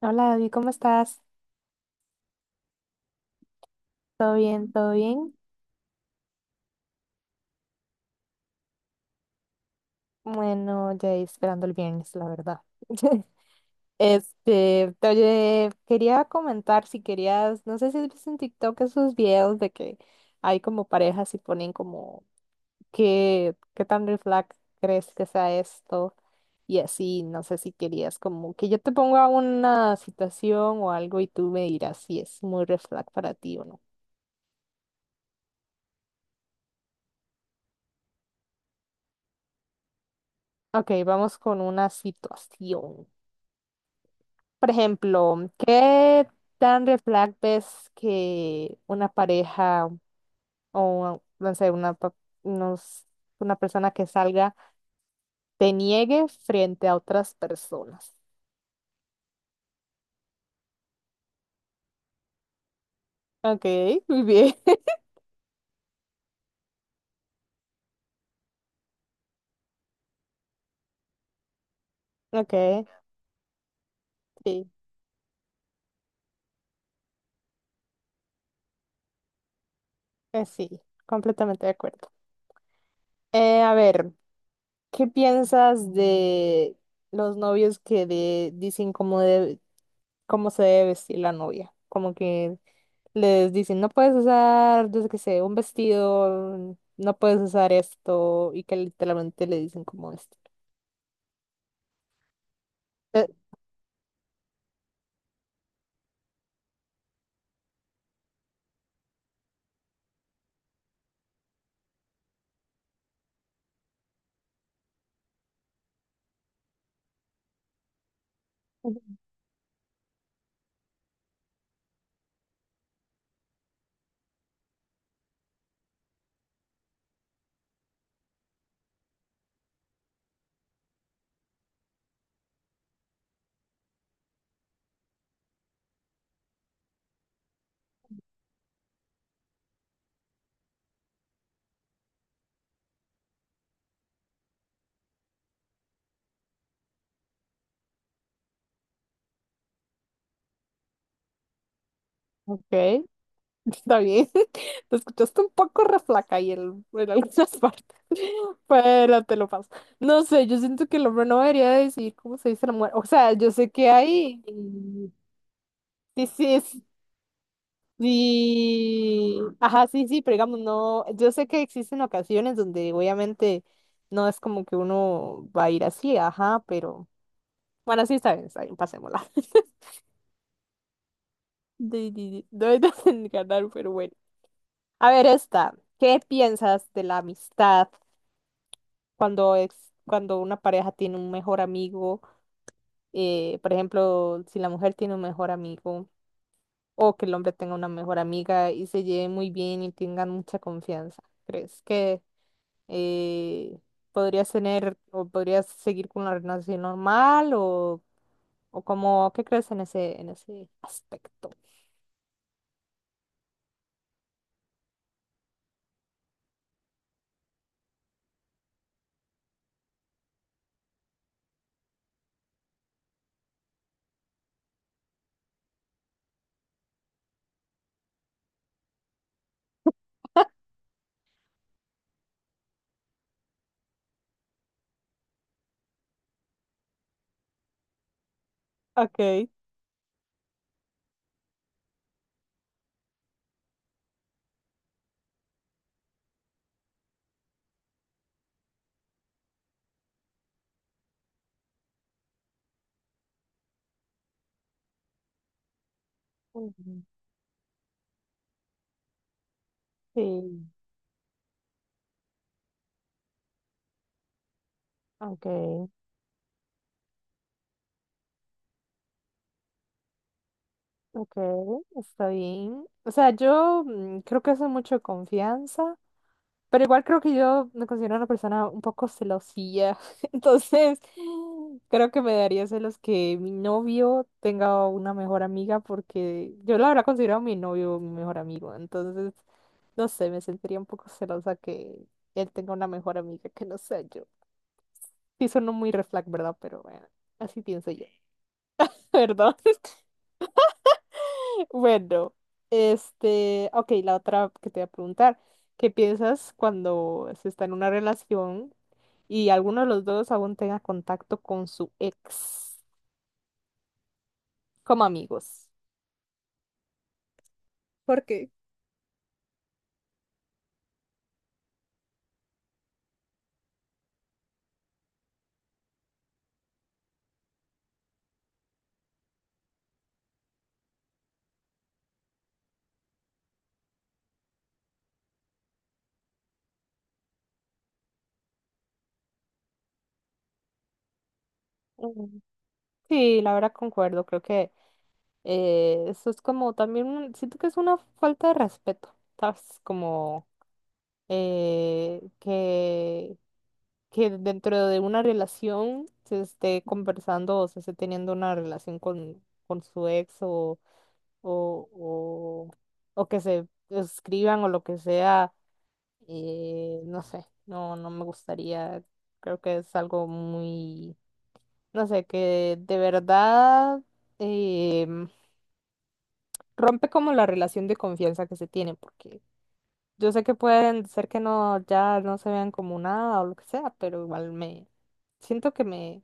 Hola David, ¿cómo estás? ¿Todo bien? ¿Todo bien? Bueno, ya esperando el viernes, la verdad. Oye, quería comentar si querías, no sé si has visto en TikTok esos videos de que hay como parejas y ponen como qué tan red flag crees que sea esto y así, no sé si querías como que yo te ponga una situación o algo y tú me dirás si es muy red flag para ti o no. Ok, vamos con una situación. Por ejemplo, ¿qué tan red flag ves que una pareja o, no sé, una, unos- una persona que salga te niegue frente a otras personas? Ok, muy bien. Ok, sí, sí, completamente de acuerdo. A ver, ¿qué piensas de los novios que dicen cómo, cómo se debe vestir la novia? Como que les dicen, no puedes usar, yo que sé, un vestido, no puedes usar esto, y que literalmente le dicen como esto. Eh, ok, está bien. Te escuchaste un poco reflaca ahí en algunas partes, pero te lo paso. No sé, yo siento que el hombre no debería decir cómo se dice la mujer. O sea, yo sé que hay... Sí, sí, sí, ajá, sí, sí, pero digamos, no, yo sé que existen ocasiones donde obviamente no es como que uno va a ir así, ajá, pero bueno, sí, está bien, pasémosla. Di, di, di, no me hacen ganar, pero bueno. A ver, esta, ¿qué piensas de la amistad cuando es, cuando una pareja tiene un mejor amigo? Por ejemplo, si la mujer tiene un mejor amigo o que el hombre tenga una mejor amiga y se lleven muy bien y tengan mucha confianza. ¿Crees que eh, podrías tener o podrías seguir con una relación normal o cómo, ¿qué crees en ese aspecto? Okay. Mm, sí, okay, okay, está bien. O sea, yo creo que eso es mucho confianza. Pero igual creo que yo me considero una persona un poco celosilla. Entonces, creo que me daría celos que mi novio tenga una mejor amiga porque yo la verdad considero a mi novio mi mejor amigo. Entonces, no sé, me sentiría un poco celosa que él tenga una mejor amiga que no sea yo. Sí, suena muy red flag, ¿verdad? Pero bueno, así pienso yo. ¿Verdad? Bueno, ok, la otra que te voy a preguntar, ¿qué piensas cuando se está en una relación y alguno de los dos aún tenga contacto con su ex como amigos? ¿Por qué? Mm, sí, la verdad concuerdo, creo que eso es como también, siento que es una falta de respeto, ¿sabes? Como eh, que que dentro de una relación se esté conversando o se esté teniendo una relación con su ex o, o, o que se escriban o lo que sea, no sé, no me gustaría, creo que es algo muy, no sé, que de verdad em, rompe como la relación de confianza que se tiene, porque yo sé que pueden ser que no, ya no se vean como nada o lo que sea, pero igual me siento que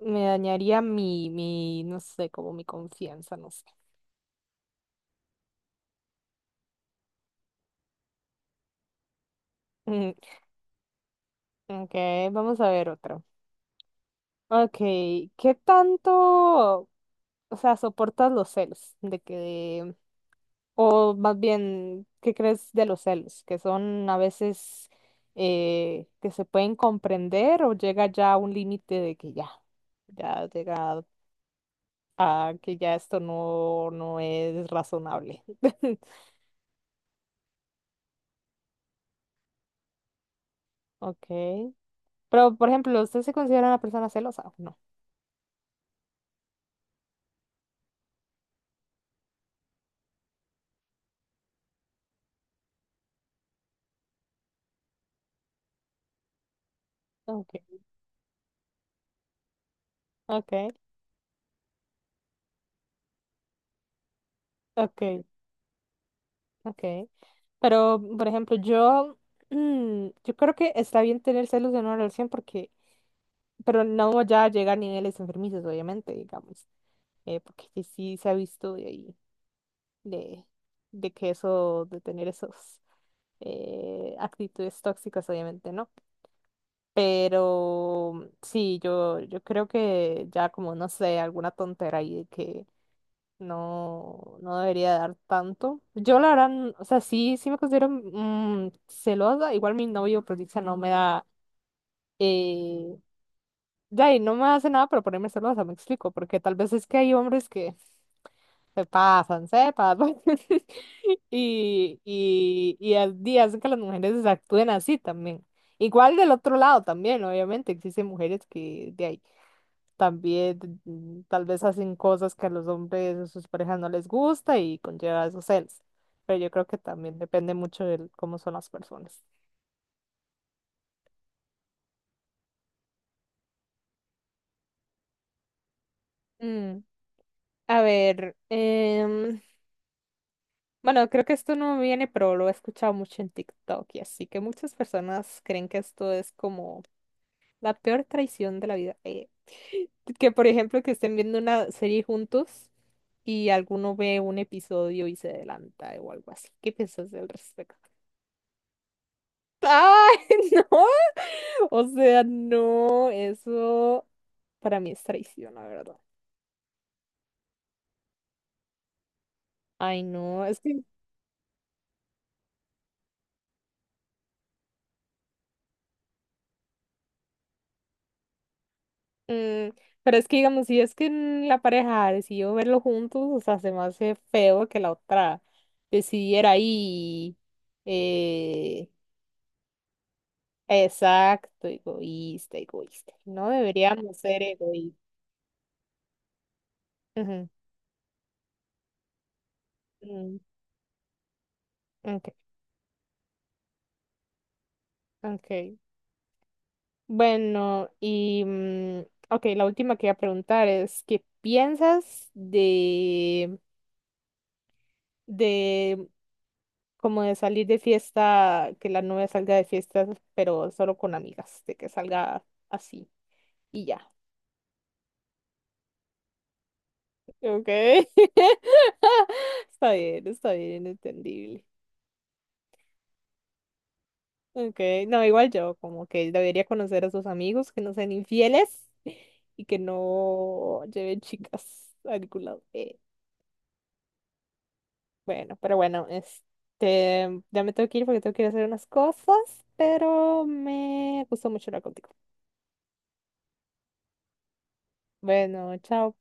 me dañaría mi, no sé, como mi confianza, no sé. Mm, ok, vamos a ver otro. Ok, ¿qué tanto, o sea, soportas los celos? O más bien, ¿qué crees de los celos? Que son a veces que se pueden comprender o llega ya a un límite de que ya llega a que ya esto no es razonable. Ok, pero por ejemplo, ¿usted se considera una persona celosa? No. Okay, okay, okay, okay. Pero, por ejemplo, yo, yo creo que está bien tener celos en una relación porque, pero no ya llega a niveles enfermizos, obviamente, digamos, porque sí se ha visto de ahí, de, de que eso, de tener esos actitudes tóxicas, obviamente, ¿no? Pero sí, yo creo que ya como, no sé, alguna tontera ahí de que no debería dar tanto. Yo la verdad, o sea, sí, sí me considero celosa. Igual mi novio, pues, dice, no me da, eh, ya, y no me hace nada para ponerme celosa, me explico, porque tal vez es que hay hombres que se pasan, se pasan. Y al día hacen que las mujeres actúen así también. Igual del otro lado también, obviamente, existen mujeres que de ahí. También tal vez hacen cosas que a los hombres o sus parejas no les gusta y conlleva esos celos. Pero yo creo que también depende mucho de cómo son las personas. Mm, a ver, bueno, creo que esto no me viene, pero lo he escuchado mucho en TikTok y así que muchas personas creen que esto es como la peor traición de la vida. Que por ejemplo que estén viendo una serie juntos y alguno ve un episodio y se adelanta o algo así. ¿Qué piensas al respecto? Ay, no. O sea, no, eso para mí es traición, la verdad. Ay, no, es que, mm, pero es que digamos, si es que en la pareja decidió verlo juntos, o sea, se me hace feo que la otra decidiera ahí. Eh, exacto, egoísta, egoísta. No deberíamos ser egoístas. Ujú, mm, ok, ok. Bueno, y mm, ok, la última que voy a preguntar es, ¿qué piensas de como de salir de fiesta, que la novia salga de fiesta, pero solo con amigas, de que salga así y ya? Ok. Está bien, entendible. Ok, no, igual yo, como que debería conocer a sus amigos que no sean infieles y que no lleven chicas a ningún lado. Bueno, pero bueno, ya me tengo que ir porque tengo que ir a hacer unas cosas, pero me gustó mucho hablar contigo. Bueno, chao.